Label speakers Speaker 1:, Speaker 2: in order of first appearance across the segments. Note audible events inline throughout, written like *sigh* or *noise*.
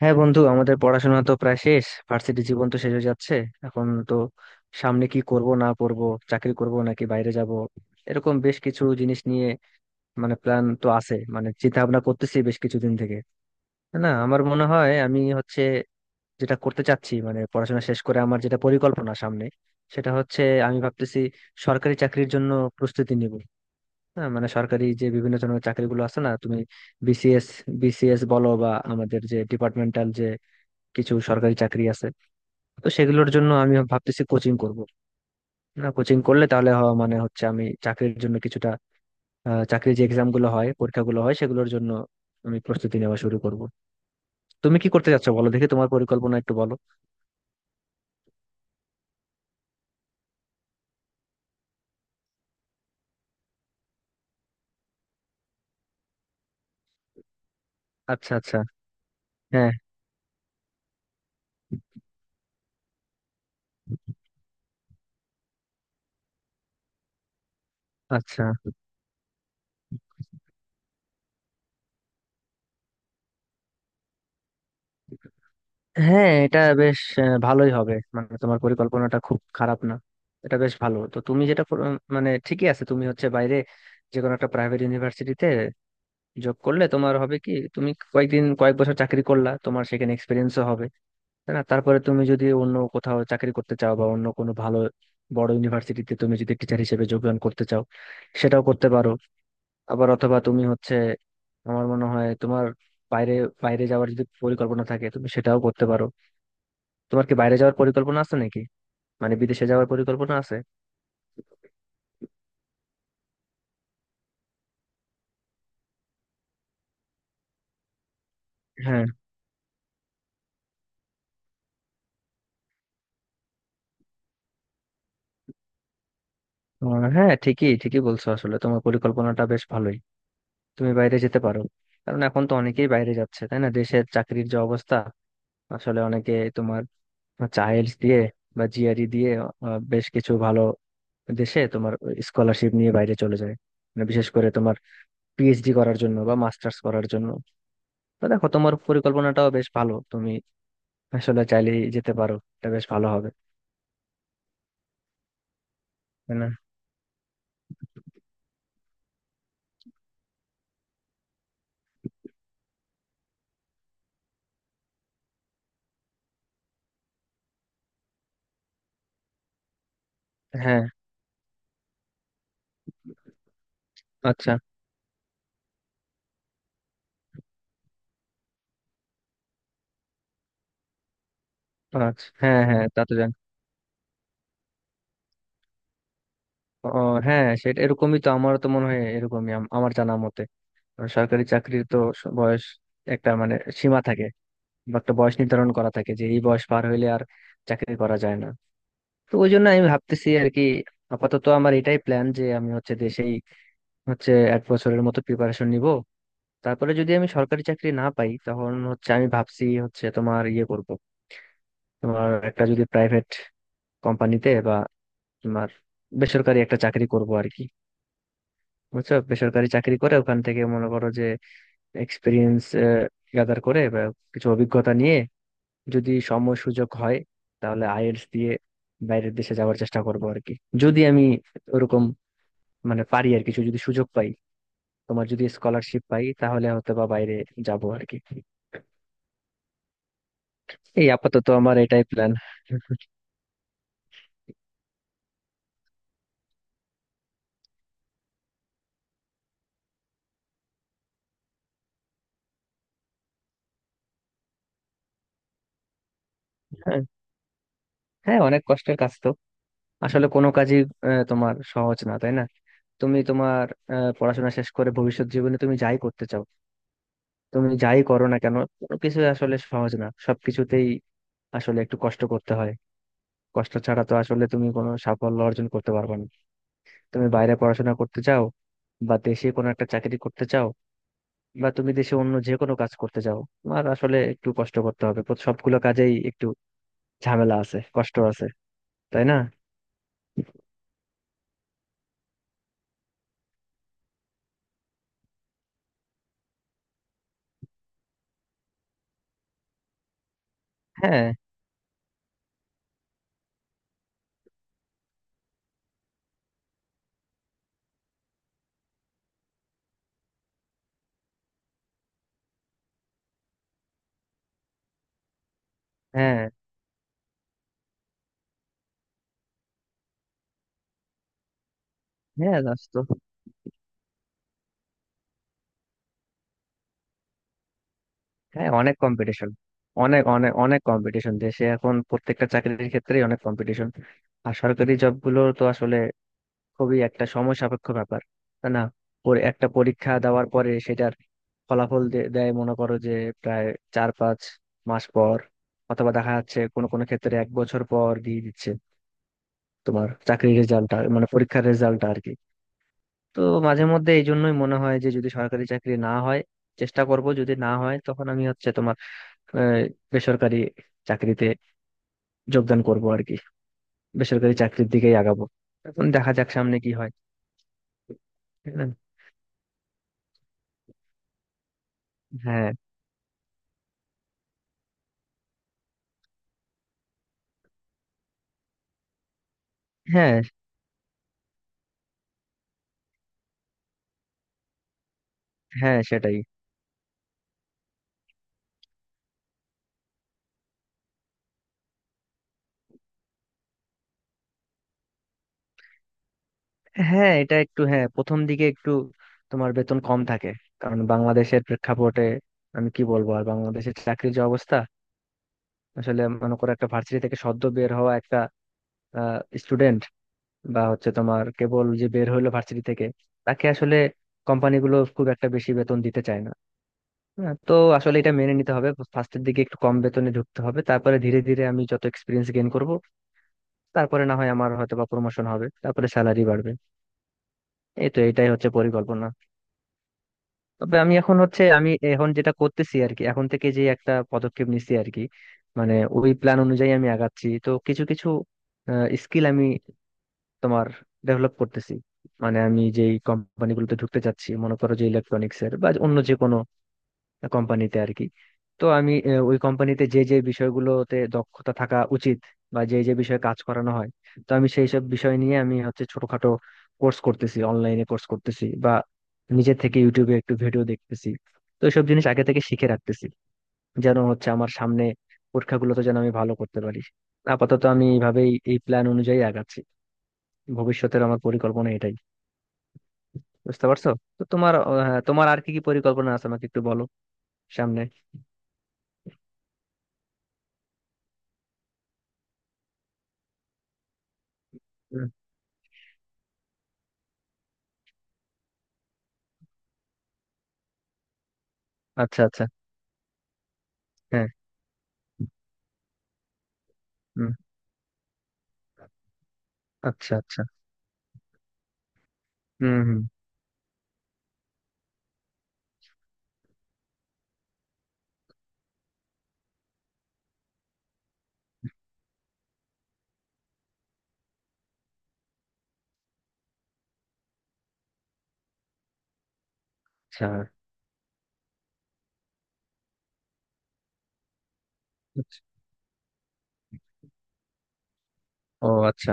Speaker 1: হ্যাঁ বন্ধু, আমাদের পড়াশোনা তো প্রায় শেষ, ভার্সিটি জীবন তো শেষ হয়ে যাচ্ছে। এখন তো সামনে কি করব না করব, চাকরি করব নাকি বাইরে যাব, এরকম বেশ কিছু জিনিস নিয়ে মানে প্ল্যান তো আছে, মানে চিন্তা ভাবনা করতেছি বেশ কিছুদিন থেকে। না, আমার মনে হয় আমি হচ্ছে যেটা করতে চাচ্ছি, মানে পড়াশোনা শেষ করে আমার যেটা পরিকল্পনা সামনে, সেটা হচ্ছে আমি ভাবতেছি সরকারি চাকরির জন্য প্রস্তুতি নিব। হ্যাঁ, মানে সরকারি যে বিভিন্ন ধরনের চাকরিগুলো আছে না তুমি, বিসিএস, বিসিএস বলো বা আমাদের যে ডিপার্টমেন্টাল কিছু সরকারি চাকরি আছে, তো সেগুলোর জন্য আমি ভাবতেছি কোচিং করব। না কোচিং করলে তাহলে মানে হচ্ছে আমি চাকরির জন্য কিছুটা চাকরির যে এক্সাম গুলো হয়, পরীক্ষাগুলো হয় সেগুলোর জন্য আমি প্রস্তুতি নেওয়া শুরু করব। তুমি কি করতে যাচ্ছ বলো দেখি, তোমার পরিকল্পনা একটু বলো। আচ্ছা আচ্ছা। হ্যাঁ। আচ্ছা। হ্যাঁ, এটা বেশ ভালোই হবে, মানে তোমার পরিকল্পনাটা খুব খারাপ না, এটা বেশ ভালো। তো তুমি মানে ঠিকই আছে, তুমি হচ্ছে বাইরে যে কোনো একটা প্রাইভেট ইউনিভার্সিটিতে জব করলে, তোমার হবে কি তুমি কয়েকদিন কয়েক বছর চাকরি করলা, তোমার সেখানে এক্সপিরিয়েন্সও হবে, তাই না? তারপরে তুমি যদি অন্য কোথাও চাকরি করতে চাও বা অন্য কোনো ভালো বড় ইউনিভার্সিটিতে তুমি যদি টিচার হিসেবে যোগদান করতে চাও, সেটাও করতে পারো। আবার অথবা তুমি হচ্ছে, আমার মনে হয় তোমার বাইরে বাইরে যাওয়ার যদি পরিকল্পনা থাকে, তুমি সেটাও করতে পারো। তোমার কি বাইরে যাওয়ার পরিকল্পনা আছে নাকি, মানে বিদেশে যাওয়ার পরিকল্পনা আছে? হ্যাঁ। হ্যাঁ, ঠিকই ঠিকই বলছো, আসলে তোমার পরিকল্পনাটা বেশ ভালোই, তুমি বাইরে যেতে পারো। কারণ এখন তো অনেকেই বাইরে যাচ্ছে, তাই না? দেশের চাকরির যে অবস্থা, আসলে অনেকে তোমার চাইল্ডস দিয়ে বা জিআরই দিয়ে বেশ কিছু ভালো দেশে তোমার স্কলারশিপ নিয়ে বাইরে চলে যায়, মানে বিশেষ করে তোমার পিএইচডি করার জন্য বা মাস্টার্স করার জন্য। তো দেখো, তোমার পরিকল্পনাটাও বেশ ভালো, তুমি আসলে চাইলেই যেতে পারো, এটা বেশ ভালো হবে। তাই না? হ্যাঁ। আচ্ছা আচ্ছা। হ্যাঁ হ্যাঁ, তা তো জানি। ও হ্যাঁ, সেটা এরকমই, তো আমারও তো মনে হয় এরকমই, আমার জানা মতে। কারণ সরকারি চাকরির তো বয়স একটা মানে সীমা থাকে, বা একটা বয়স নির্ধারণ করা থাকে যে এই বয়স পার হইলে আর চাকরি করা যায় না। তো ওই জন্য আমি ভাবতেছি আর কি, আপাতত আমার এটাই প্ল্যান যে আমি হচ্ছে দেশেই হচ্ছে এক বছরের মতো প্রিপারেশন নিব, তারপরে যদি আমি সরকারি চাকরি না পাই, তখন হচ্ছে আমি ভাবছি হচ্ছে তোমার ইয়ে করব, তোমার একটা যদি প্রাইভেট কোম্পানিতে বা তোমার বেসরকারি একটা চাকরি করব আর কি। বুঝছো, বেসরকারি চাকরি করে ওখান থেকে মনে করো যে এক্সপিরিয়েন্স গ্যাদার করে বা কিছু অভিজ্ঞতা নিয়ে, যদি সময় সুযোগ হয়, তাহলে আইএলটিএস দিয়ে বাইরের দেশে যাওয়ার চেষ্টা করবো আর কি। যদি আমি ওরকম মানে পারি, আর কিছু যদি সুযোগ পাই, তোমার যদি স্কলারশিপ পাই, তাহলে হয়তো বা বাইরে যাবো আর কি। এই আপাতত আমার এটাই প্ল্যান। হ্যাঁ। হ্যাঁ অনেক কষ্টের কাজ তো, আসলে কোনো কাজই তোমার সহজ না, তাই না? তুমি তোমার পড়াশোনা শেষ করে ভবিষ্যৎ জীবনে তুমি যাই করতে চাও, তুমি যাই করো না কেন, কোনো কিছু আসলে সহজ না, সবকিছুতেই আসলে একটু কষ্ট করতে হয়। কষ্ট ছাড়া তো আসলে তুমি কোনো সাফল্য অর্জন করতে পারবে না। তুমি বাইরে পড়াশোনা করতে চাও, বা দেশে কোনো একটা চাকরি করতে চাও, বা তুমি দেশে অন্য যে কোনো কাজ করতে চাও, তোমার আসলে একটু কষ্ট করতে হবে, সবগুলো কাজেই একটু ঝামেলা আছে, কষ্ট আছে, তাই না? হ্যাঁ। হ্যাঁ। হ্যাঁ দাস তো। হ্যাঁ অনেক কম্পিটিশন, অনেক অনেক অনেক কম্পিটিশন, দেশে এখন প্রত্যেকটা চাকরির ক্ষেত্রেই অনেক কম্পিটিশন। আর সরকারি জবগুলো তো আসলে খুবই একটা সময় সাপেক্ষ ব্যাপার, তাই না? একটা পরীক্ষা দেওয়ার পরে সেটার ফলাফল দেয় মনে করো যে প্রায় চার পাঁচ মাস পর, অথবা দেখা যাচ্ছে কোনো কোনো ক্ষেত্রে এক বছর পর দিয়ে দিচ্ছে তোমার চাকরির রেজাল্টটা, মানে পরীক্ষার রেজাল্টটা আর কি। তো মাঝে মধ্যে এই জন্যই মনে হয় যে যদি সরকারি চাকরি না হয়, চেষ্টা করব, যদি না হয় তখন আমি হচ্ছে তোমার আহ, বেসরকারি চাকরিতে যোগদান করব আর কি, বেসরকারি চাকরির দিকেই আগাবো। এখন দেখা যাক সামনে কি হয়। তাই না? হ্যাঁ। হ্যাঁ। হ্যাঁ সেটাই। হ্যাঁ এটা একটু, হ্যাঁ প্রথম দিকে একটু তোমার বেতন কম থাকে, কারণ বাংলাদেশের প্রেক্ষাপটে আমি কি বলবো আর, বাংলাদেশের চাকরির যে অবস্থা, আসলে মনে করো একটা ভার্সিটি থেকে সদ্য বের হওয়া একটা স্টুডেন্ট, বা হচ্ছে তোমার কেবল যে বের হইলো ভার্সিটি থেকে, তাকে আসলে কোম্পানিগুলো খুব একটা বেশি বেতন দিতে চায় না। হ্যাঁ, তো আসলে এটা মেনে নিতে হবে, ফার্স্টের দিকে একটু কম বেতনে ঢুকতে হবে, তারপরে ধীরে ধীরে আমি যত এক্সপিরিয়েন্স গেইন করব, তারপরে না হয় আমার হয়তো বা প্রমোশন হবে, তারপরে স্যালারি বাড়বে। এই তো এটাই হচ্ছে পরিকল্পনা। তবে আমি এখন হচ্ছে আমি এখন যেটা করতেছি আর কি, এখন থেকে যে একটা পদক্ষেপ নিচ্ছি আর কি, মানে ওই প্ল্যান অনুযায়ী আমি আগাচ্ছি, তো কিছু কিছু স্কিল আমি তোমার ডেভেলপ করতেছি। মানে আমি যেই কোম্পানিগুলোতে ঢুকতে চাচ্ছি, মনে করো যে ইলেকট্রনিক্স এর বা অন্য যে কোনো কোম্পানিতে আর কি, তো আমি ওই কোম্পানিতে যে যে বিষয়গুলোতে দক্ষতা থাকা উচিত, বা যে যে বিষয়ে কাজ করানো হয়, তো আমি সেই সব বিষয় নিয়ে আমি হচ্ছে ছোটখাটো কোর্স করতেছি, অনলাইনে কোর্স করতেছি, বা নিজে থেকে ইউটিউবে একটু ভিডিও দেখতেছি। তো সব জিনিস আগে থেকে শিখে রাখতেছি যেন হচ্ছে আমার সামনে পরীক্ষাগুলোতে যেন আমি ভালো করতে পারি। আপাতত আমি এইভাবেই এই প্ল্যান অনুযায়ী আগাচ্ছি, ভবিষ্যতের আমার পরিকল্পনা এটাই। বুঝতে পারছো? তো তোমার তোমার আর কি কি পরিকল্পনা আছে আমাকে একটু বলো সামনে। হুম। আচ্ছা আচ্ছা। হ্যাঁ। হুম। আচ্ছা আচ্ছা। হুম হুম। আচ্ছা। আচ্ছা। ও আচ্ছা।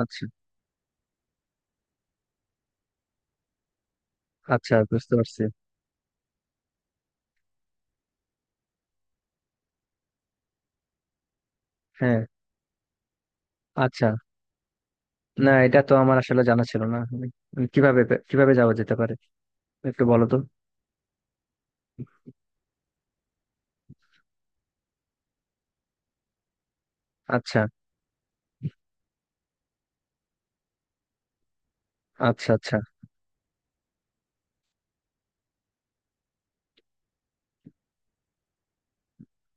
Speaker 1: আচ্ছা আচ্ছা, বুঝতে পারছি। হ্যাঁ। আচ্ছা। না এটা তো আমার আসলে জানা ছিল না, আমি কিভাবে, কিভাবে যাওয়া যেতে পারে একটু বলো তো। আচ্ছা। আচ্ছা আচ্ছা।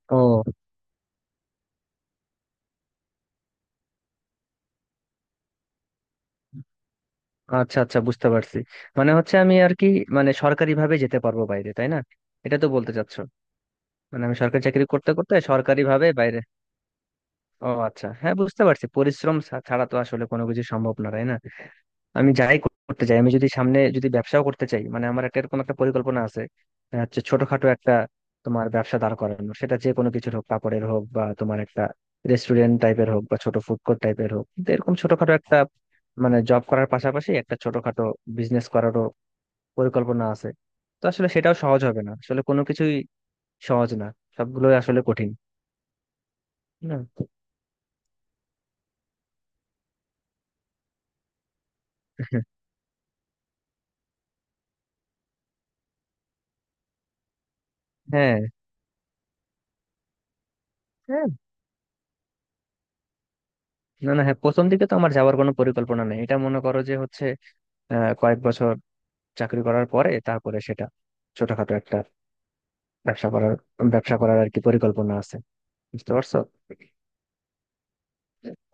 Speaker 1: ও আচ্ছা, আচ্ছা বুঝতে পারছি। মানে হচ্ছে আমি আর কি, মানে সরকারি ভাবে যেতে পারবো বাইরে, তাই না? এটা তো বলতে চাচ্ছো, মানে আমি সরকারি চাকরি করতে করতে সরকারি ভাবে বাইরে। ও আচ্ছা হ্যাঁ বুঝতে পারছি, পরিশ্রম ছাড়া তো আসলে কোনো কিছু সম্ভব না, তাই না? আমি যাই করতে চাই, আমি যদি সামনে যদি ব্যবসাও করতে চাই, মানে আমার একটা এরকম একটা পরিকল্পনা আছে হচ্ছে ছোটখাটো একটা তোমার ব্যবসা দাঁড় করানো, সেটা যে কোনো কিছুর হোক, কাপড়ের হোক বা তোমার একটা রেস্টুরেন্ট টাইপের হোক বা ছোট ফুড কোর্ট টাইপের হোক, তো এরকম ছোটখাটো একটা, মানে জব করার পাশাপাশি একটা ছোটখাটো বিজনেস করারও পরিকল্পনা আছে। তো আসলে সেটাও সহজ হবে না, আসলে কোনো কিছুই সহজ না, সবগুলোই আসলে কঠিন, না? *laughs* হ্যাঁ। হ্যাঁ। না না, হ্যাঁ প্রথম দিকে তো আমার যাওয়ার কোনো পরিকল্পনা নেই, এটা মনে করো যে হচ্ছে কয়েক বছর চাকরি করার পরে, তারপরে সেটা ছোটখাটো একটা ব্যবসা করার ব্যবসা করার আর কি পরিকল্পনা আছে। বুঝতে পারছো?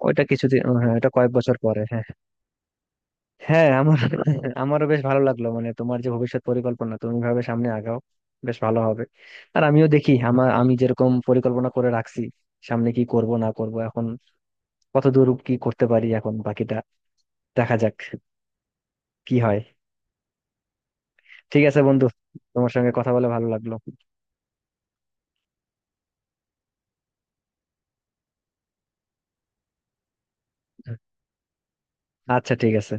Speaker 1: ওইটা কিছুদিন, হ্যাঁ এটা কয়েক বছর পরে। হ্যাঁ। হ্যাঁ আমার, আমারও বেশ ভালো লাগলো, মানে তোমার যে ভবিষ্যৎ পরিকল্পনা, তুমি ভাবে সামনে আগাও, বেশ ভালো হবে। আর আমিও দেখি, আমার আমি যেরকম পরিকল্পনা করে রাখছি, সামনে কি করব না করব, এখন কত দূর কি করতে পারি, এখন বাকিটা দেখা যাক কি হয়। ঠিক আছে বন্ধু, তোমার সঙ্গে কথা বলে ভালো লাগলো। আচ্ছা, ঠিক আছে।